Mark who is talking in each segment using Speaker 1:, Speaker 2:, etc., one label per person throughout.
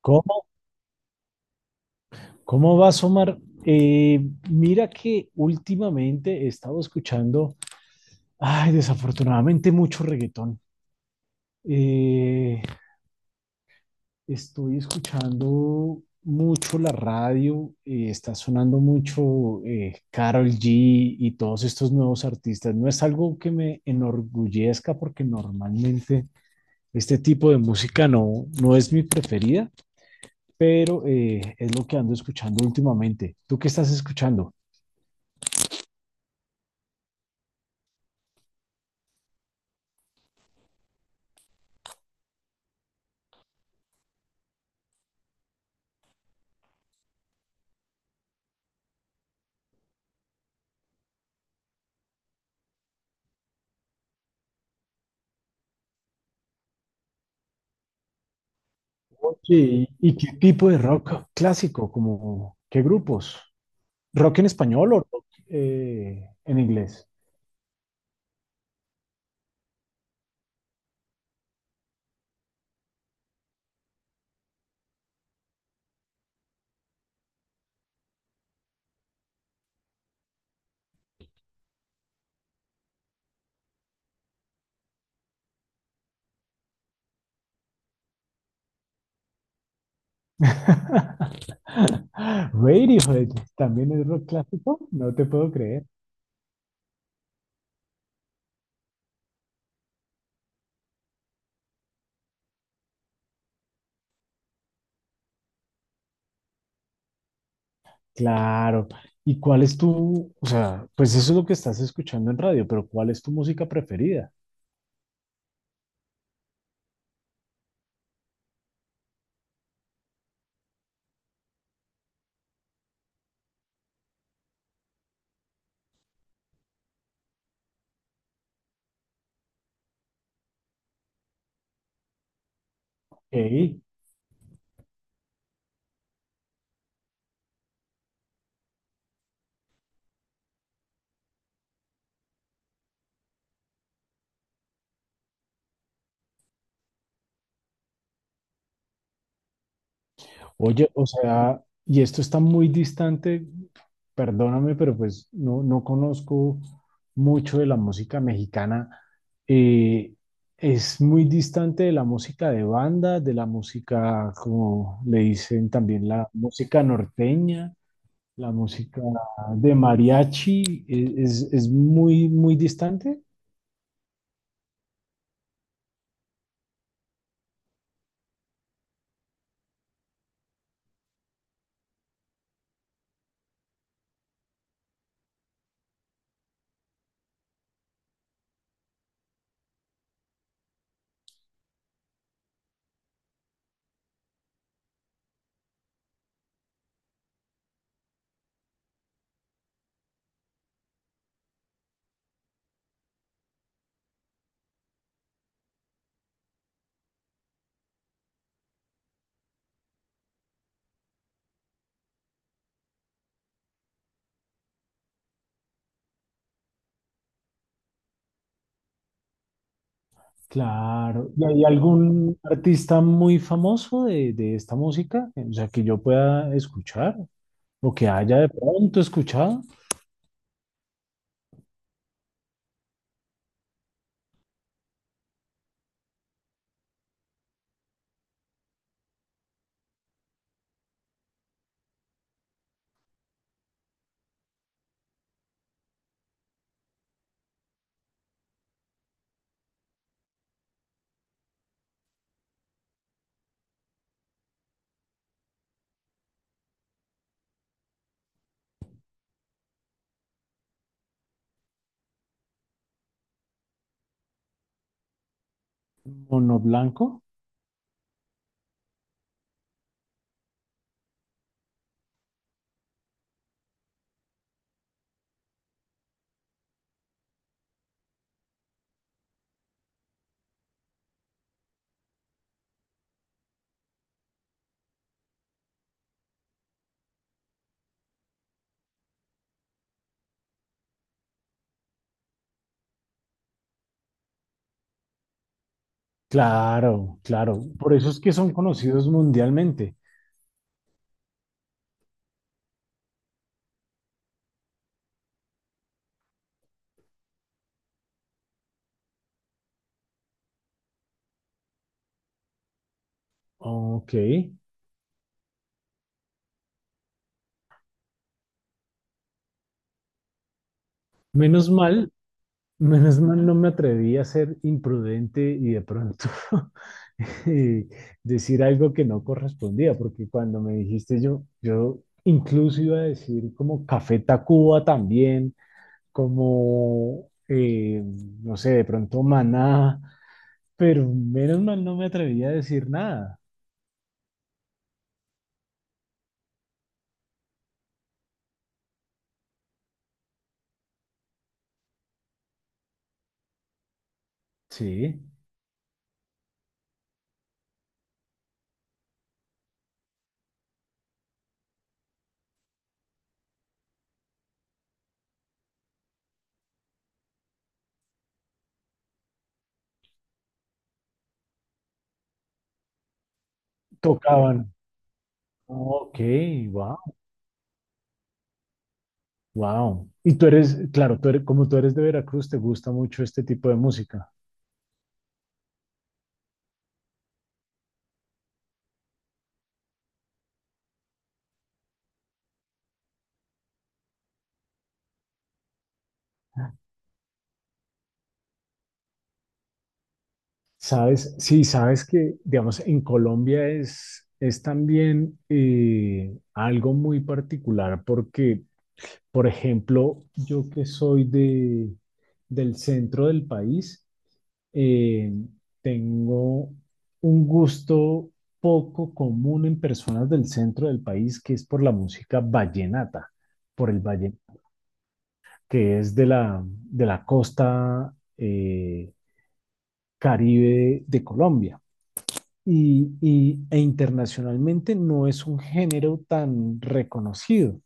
Speaker 1: ¿Cómo? ¿Cómo vas, Omar? Eh, Mira que últimamente he estado escuchando, ay, desafortunadamente mucho reggaetón. Eh, Estoy escuchando mucho la radio, está sonando mucho Karol G y todos estos nuevos artistas. No es algo que me enorgullezca porque normalmente este tipo de música no es mi preferida, pero es lo que ando escuchando últimamente. ¿Tú qué estás escuchando? Oye, ¿y qué tipo de rock clásico? Como, ¿qué grupos? ¿Rock en español o rock en inglés? Radiohead, ¿también es rock clásico? No te puedo creer. Claro. ¿Y cuál es tu, o sea, pues eso es lo que estás escuchando en radio, pero cuál es tu música preferida? Ey, oye, o sea, y esto está muy distante, perdóname, pero pues no conozco mucho de la música mexicana. Eh, es muy distante de la música de banda, de la música, como le dicen también, la música norteña, la música de mariachi, es muy, muy distante. Claro. ¿Y hay algún artista muy famoso de esta música? O sea, que yo pueda escuchar o que haya de pronto escuchado. Mono Blanco. Claro, claro. Por eso es que son conocidos mundialmente. Ok. Menos mal, menos mal no me atreví a ser imprudente y de pronto eh, decir algo que no correspondía, porque cuando me dijiste yo incluso iba a decir como Café Tacuba también, como, no sé, de pronto Maná, pero menos mal no me atreví a decir nada. Sí, tocaban. Ok. Wow. Y tú eres, claro, tú eres, como tú eres de Veracruz, te gusta mucho este tipo de música. Sabes, sí, sabes que, digamos, en Colombia es también algo muy particular porque, por ejemplo, yo que soy del centro del país, eh, tengo un gusto poco común en personas del centro del país que es por la música vallenata, por el vallenato que es de la costa caribe de Colombia. E internacionalmente no es un género tan reconocido.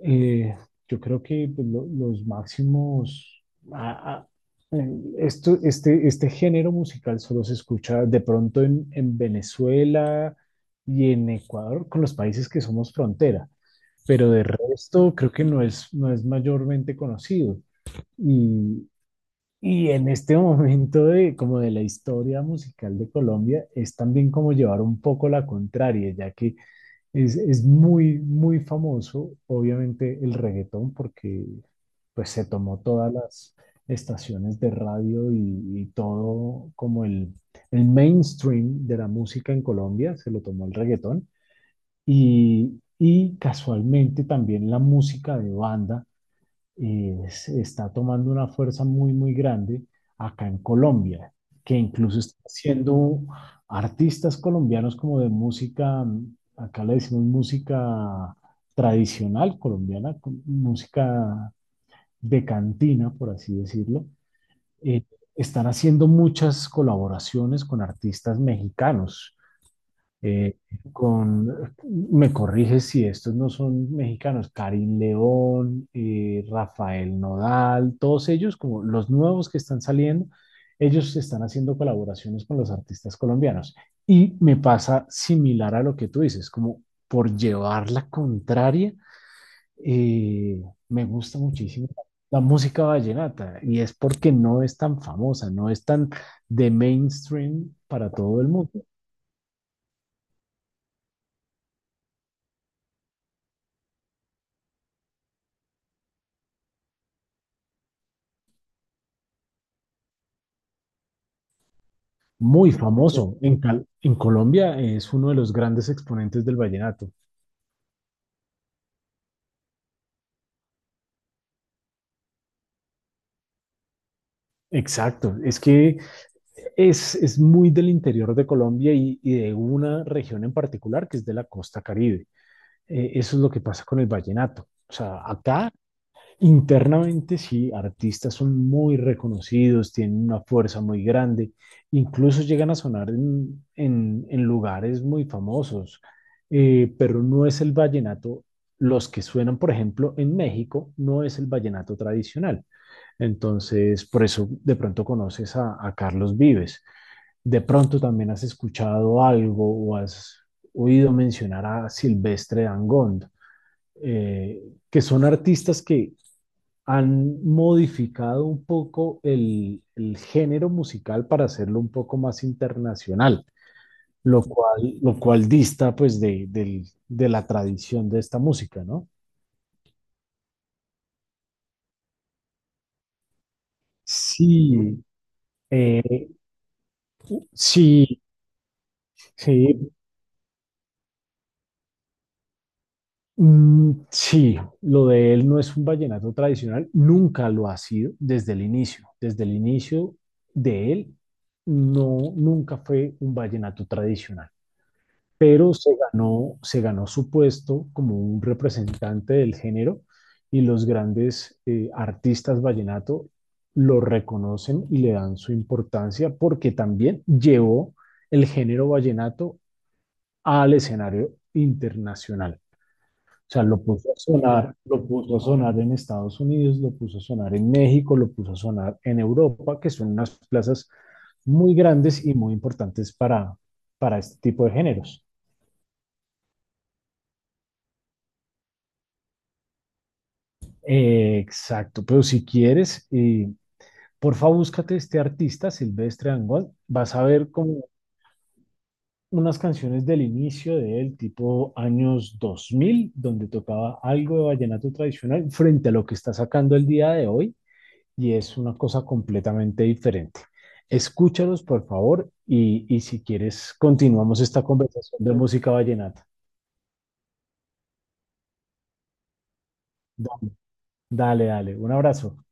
Speaker 1: Eh, yo creo que pues, lo, los máximos, a, esto, este género musical solo se escucha de pronto en Venezuela y en Ecuador, con los países que somos frontera, pero de resto creo que no es mayormente conocido. Y, y en este momento de, como de la historia musical de Colombia, es también como llevar un poco la contraria, ya que es muy, muy famoso, obviamente, el reggaetón, porque pues se tomó todas las estaciones de radio y todo como el mainstream de la música en Colombia, se lo tomó el reggaetón. Y casualmente también la música de banda se está tomando una fuerza muy, muy grande acá en Colombia, que incluso está haciendo artistas colombianos como de música, mm, acá le decimos música tradicional colombiana, música de cantina, por así decirlo. eh, están haciendo muchas colaboraciones con artistas mexicanos, eh, con, me corriges si estos no son mexicanos, Karim León, Rafael Nodal, todos ellos, como los nuevos que están saliendo, ellos están haciendo colaboraciones con los artistas colombianos. Y me pasa similar a lo que tú dices, como por llevar la contraria, eh, me gusta muchísimo la música vallenata y es porque no es tan famosa, no es tan de mainstream para todo el mundo. Muy famoso. En, en Colombia es uno de los grandes exponentes del vallenato. Exacto, es que es muy del interior de Colombia y de una región en particular que es de la costa Caribe. Eso es lo que pasa con el vallenato. O sea, acá internamente sí, artistas son muy reconocidos, tienen una fuerza muy grande, incluso llegan a sonar en, en lugares muy famosos, pero no es el vallenato, los que suenan, por ejemplo, en México, no es el vallenato tradicional. Entonces, por eso de pronto conoces a Carlos Vives, de pronto también has escuchado algo o has oído mencionar a Silvestre Dangond, eh, que son artistas que, han modificado un poco el género musical para hacerlo un poco más internacional, lo cual dista pues de, de la tradición de esta música, ¿no? Sí, Eh, sí, sí, mm, sí, lo de él no es un vallenato tradicional, nunca lo ha sido desde el inicio. Desde el inicio de él, no, nunca fue un vallenato tradicional. Pero se ganó su puesto como un representante del género y los grandes artistas vallenato lo reconocen y le dan su importancia porque también llevó el género vallenato al escenario internacional. O sea, lo puso a sonar, lo puso a sonar en Estados Unidos, lo puso a sonar en México, lo puso a sonar en Europa, que son unas plazas muy grandes y muy importantes para este tipo de géneros. Exacto, pero si quieres, porfa, búscate este artista, Silvestre Dangond. Vas a ver como unas canciones del inicio de él, tipo años 2000, donde tocaba algo de vallenato tradicional frente a lo que está sacando el día de hoy, y es una cosa completamente diferente. Escúchalos, por favor, y si quieres, continuamos esta conversación de música vallenata. Da- Dale, dale, un abrazo.